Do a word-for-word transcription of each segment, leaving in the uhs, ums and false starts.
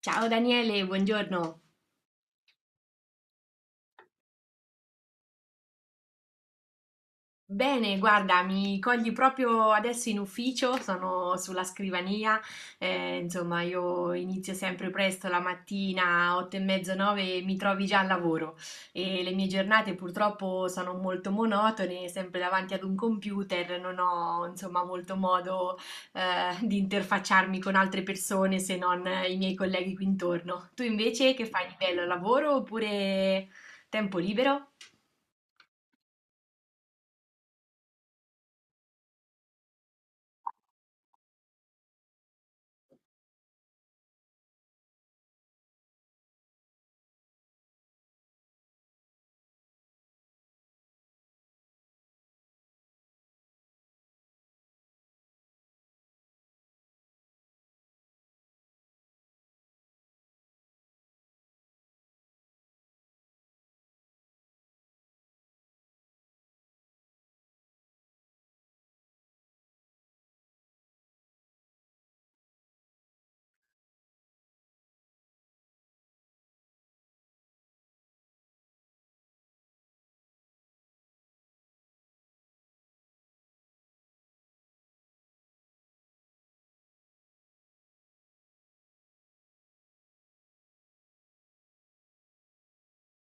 Ciao Daniele, buongiorno. Bene, guarda, mi cogli proprio adesso in ufficio, sono sulla scrivania, eh, insomma io inizio sempre presto la mattina, otto e mezzo, nove e mi trovi già al lavoro e le mie giornate purtroppo sono molto monotone, sempre davanti ad un computer, non ho insomma molto modo eh, di interfacciarmi con altre persone se non i miei colleghi qui intorno. Tu invece che fai di bello, lavoro oppure tempo libero?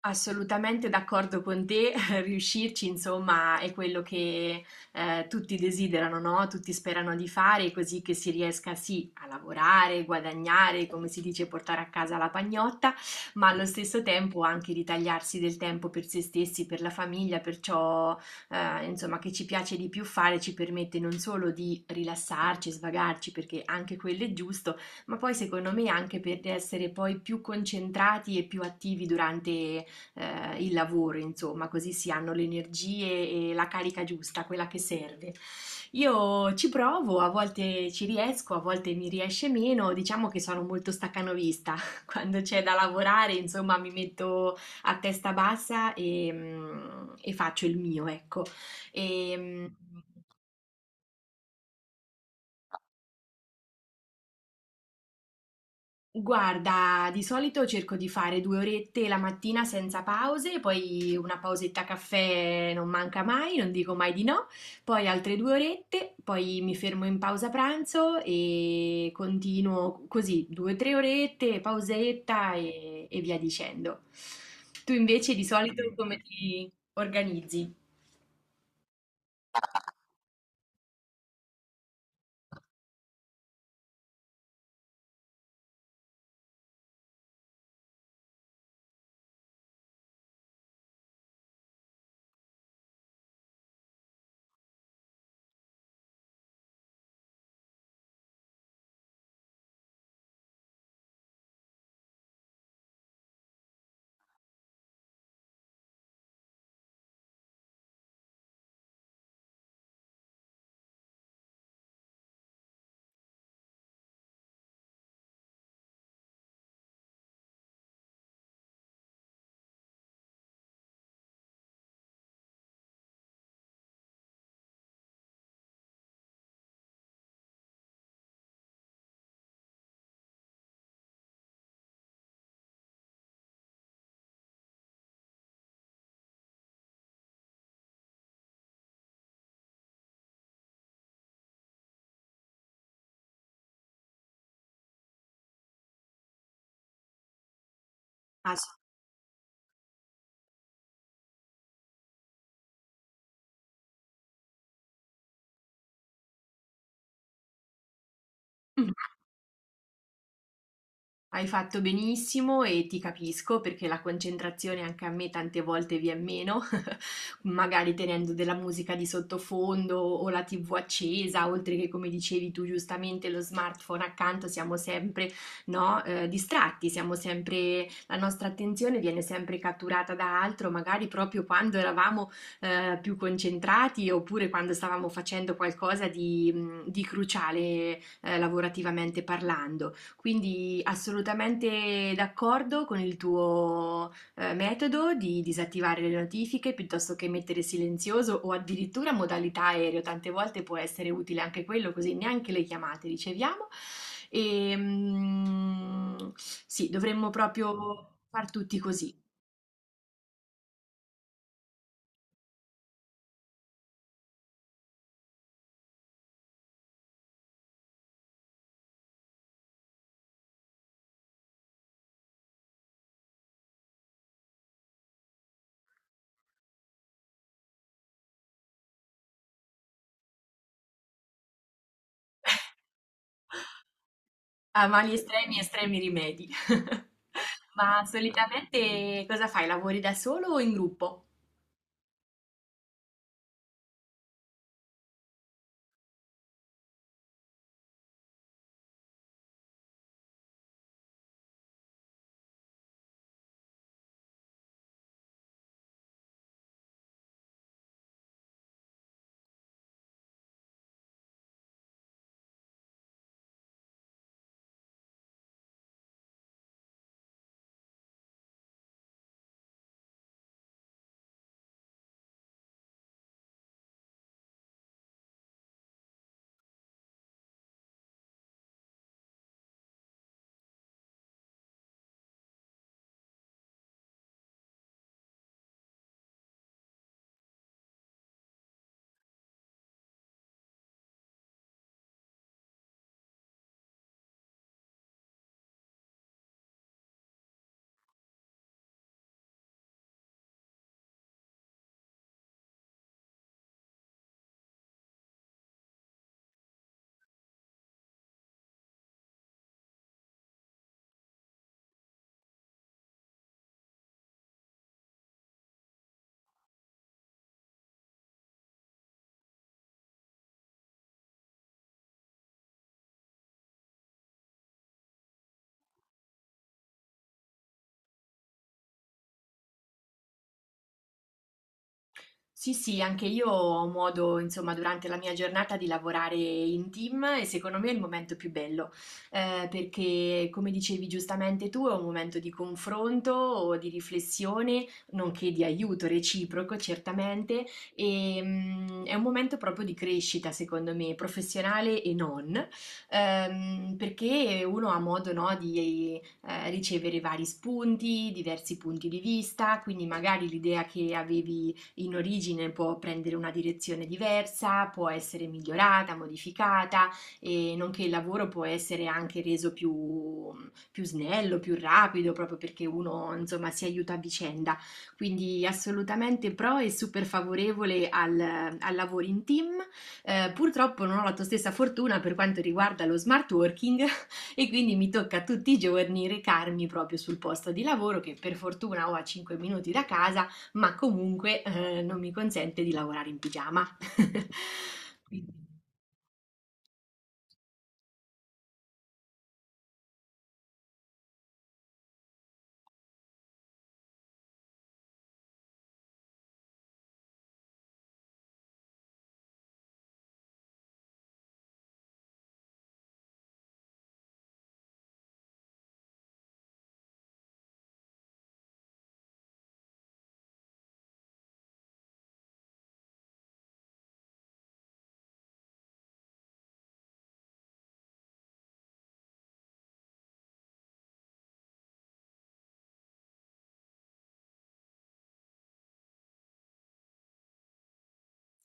Assolutamente d'accordo con te, riuscirci insomma è quello che eh, tutti desiderano, no? Tutti sperano di fare, così che si riesca sì a lavorare, guadagnare, come si dice, portare a casa la pagnotta, ma allo stesso tempo anche ritagliarsi del tempo per se stessi, per la famiglia, per ciò eh, insomma che ci piace di più fare, ci permette non solo di rilassarci, svagarci, perché anche quello è giusto, ma poi secondo me anche per essere poi più concentrati e più attivi durante eh, il lavoro, insomma, così si hanno le energie e la carica giusta, quella che serve. Io ci provo, a volte ci riesco, a volte mi riesce meno, diciamo che sono molto staccanovista, quando c'è da lavorare, insomma, mi metto a testa bassa e, mm, e faccio il mio, ecco. E, mm, Guarda, di solito cerco di fare due orette la mattina senza pause, poi una pausetta caffè non manca mai, non dico mai di no, poi altre due orette, poi mi fermo in pausa pranzo e continuo così, due o tre orette, pausetta e, e via dicendo. Tu invece di solito come ti organizzi? Ah, sì. Hai fatto benissimo e ti capisco perché la concentrazione anche a me tante volte viene meno, magari tenendo della musica di sottofondo o la T V accesa, oltre che come dicevi tu giustamente lo smartphone accanto, siamo sempre, no, eh, distratti, siamo sempre, la nostra attenzione viene sempre catturata da altro, magari proprio quando eravamo eh, più concentrati oppure quando stavamo facendo qualcosa di, di cruciale eh, lavorativamente parlando. Quindi assolutamente d'accordo con il tuo eh, metodo di disattivare le notifiche piuttosto che mettere silenzioso o addirittura modalità aereo. Tante volte può essere utile anche quello, così neanche le chiamate riceviamo. E, mm, sì, dovremmo proprio far tutti così, a mali estremi, estremi rimedi. Ma solitamente cosa fai? Lavori da solo o in gruppo? Sì, sì, anche io ho modo, insomma, durante la mia giornata di lavorare in team e secondo me è il momento più bello, eh, perché come dicevi giustamente tu, è un momento di confronto o di riflessione, nonché di aiuto reciproco, certamente, e mm, è un momento proprio di crescita, secondo me, professionale e non, ehm, perché uno ha modo, no, di eh, ricevere vari spunti, diversi punti di vista, quindi magari l'idea che avevi in origine può prendere una direzione diversa, può essere migliorata, modificata, e nonché il lavoro può essere anche reso più, più snello, più rapido, proprio perché uno insomma si aiuta a vicenda. Quindi assolutamente pro e super favorevole al, al lavoro in team. Eh, purtroppo non ho la tua stessa fortuna per quanto riguarda lo smart working e quindi mi tocca tutti i giorni recarmi proprio sul posto di lavoro che per fortuna ho a cinque minuti da casa ma comunque, ehm, non mi consente di lavorare in pigiama. Quindi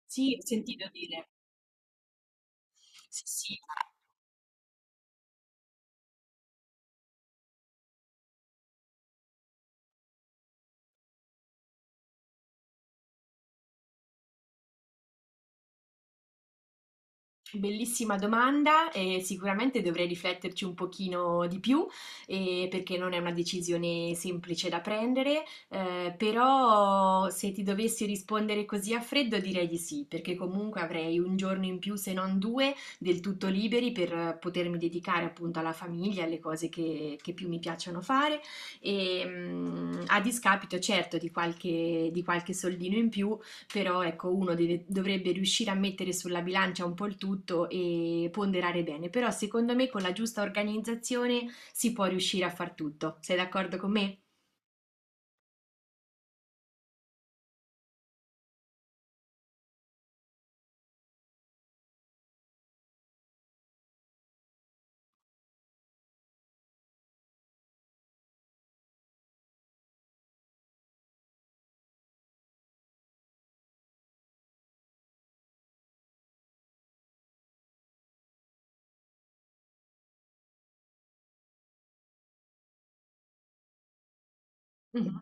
sì, ho sentito dire. Sì, sì, ma bellissima domanda e sicuramente dovrei rifletterci un pochino di più, ehm, perché non è una decisione semplice da prendere, ehm, però se ti dovessi rispondere così a freddo direi di sì, perché comunque avrei un giorno in più, se non due, del tutto liberi per eh, potermi dedicare appunto alla famiglia, alle cose che, che più mi piacciono fare, e, mm, a discapito certo di qualche, di qualche soldino in più però ecco, uno deve- dovrebbe riuscire a mettere sulla bilancia un po' il tutto e ponderare bene. Però secondo me con la giusta organizzazione si può riuscire a far tutto. Sei d'accordo con me? Mhm.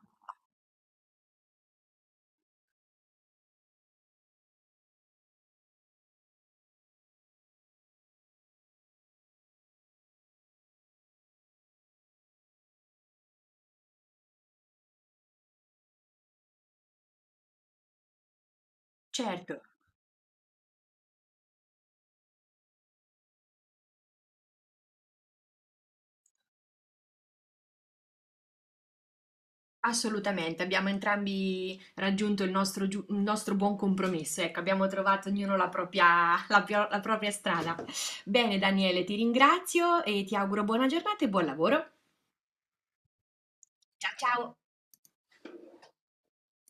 Certo, assolutamente. Abbiamo entrambi raggiunto il nostro, giu- il nostro buon compromesso. Ecco, abbiamo trovato ognuno la propria, la pio- la propria strada. Bene, Daniele, ti ringrazio e ti auguro buona giornata e buon lavoro. Ciao ciao!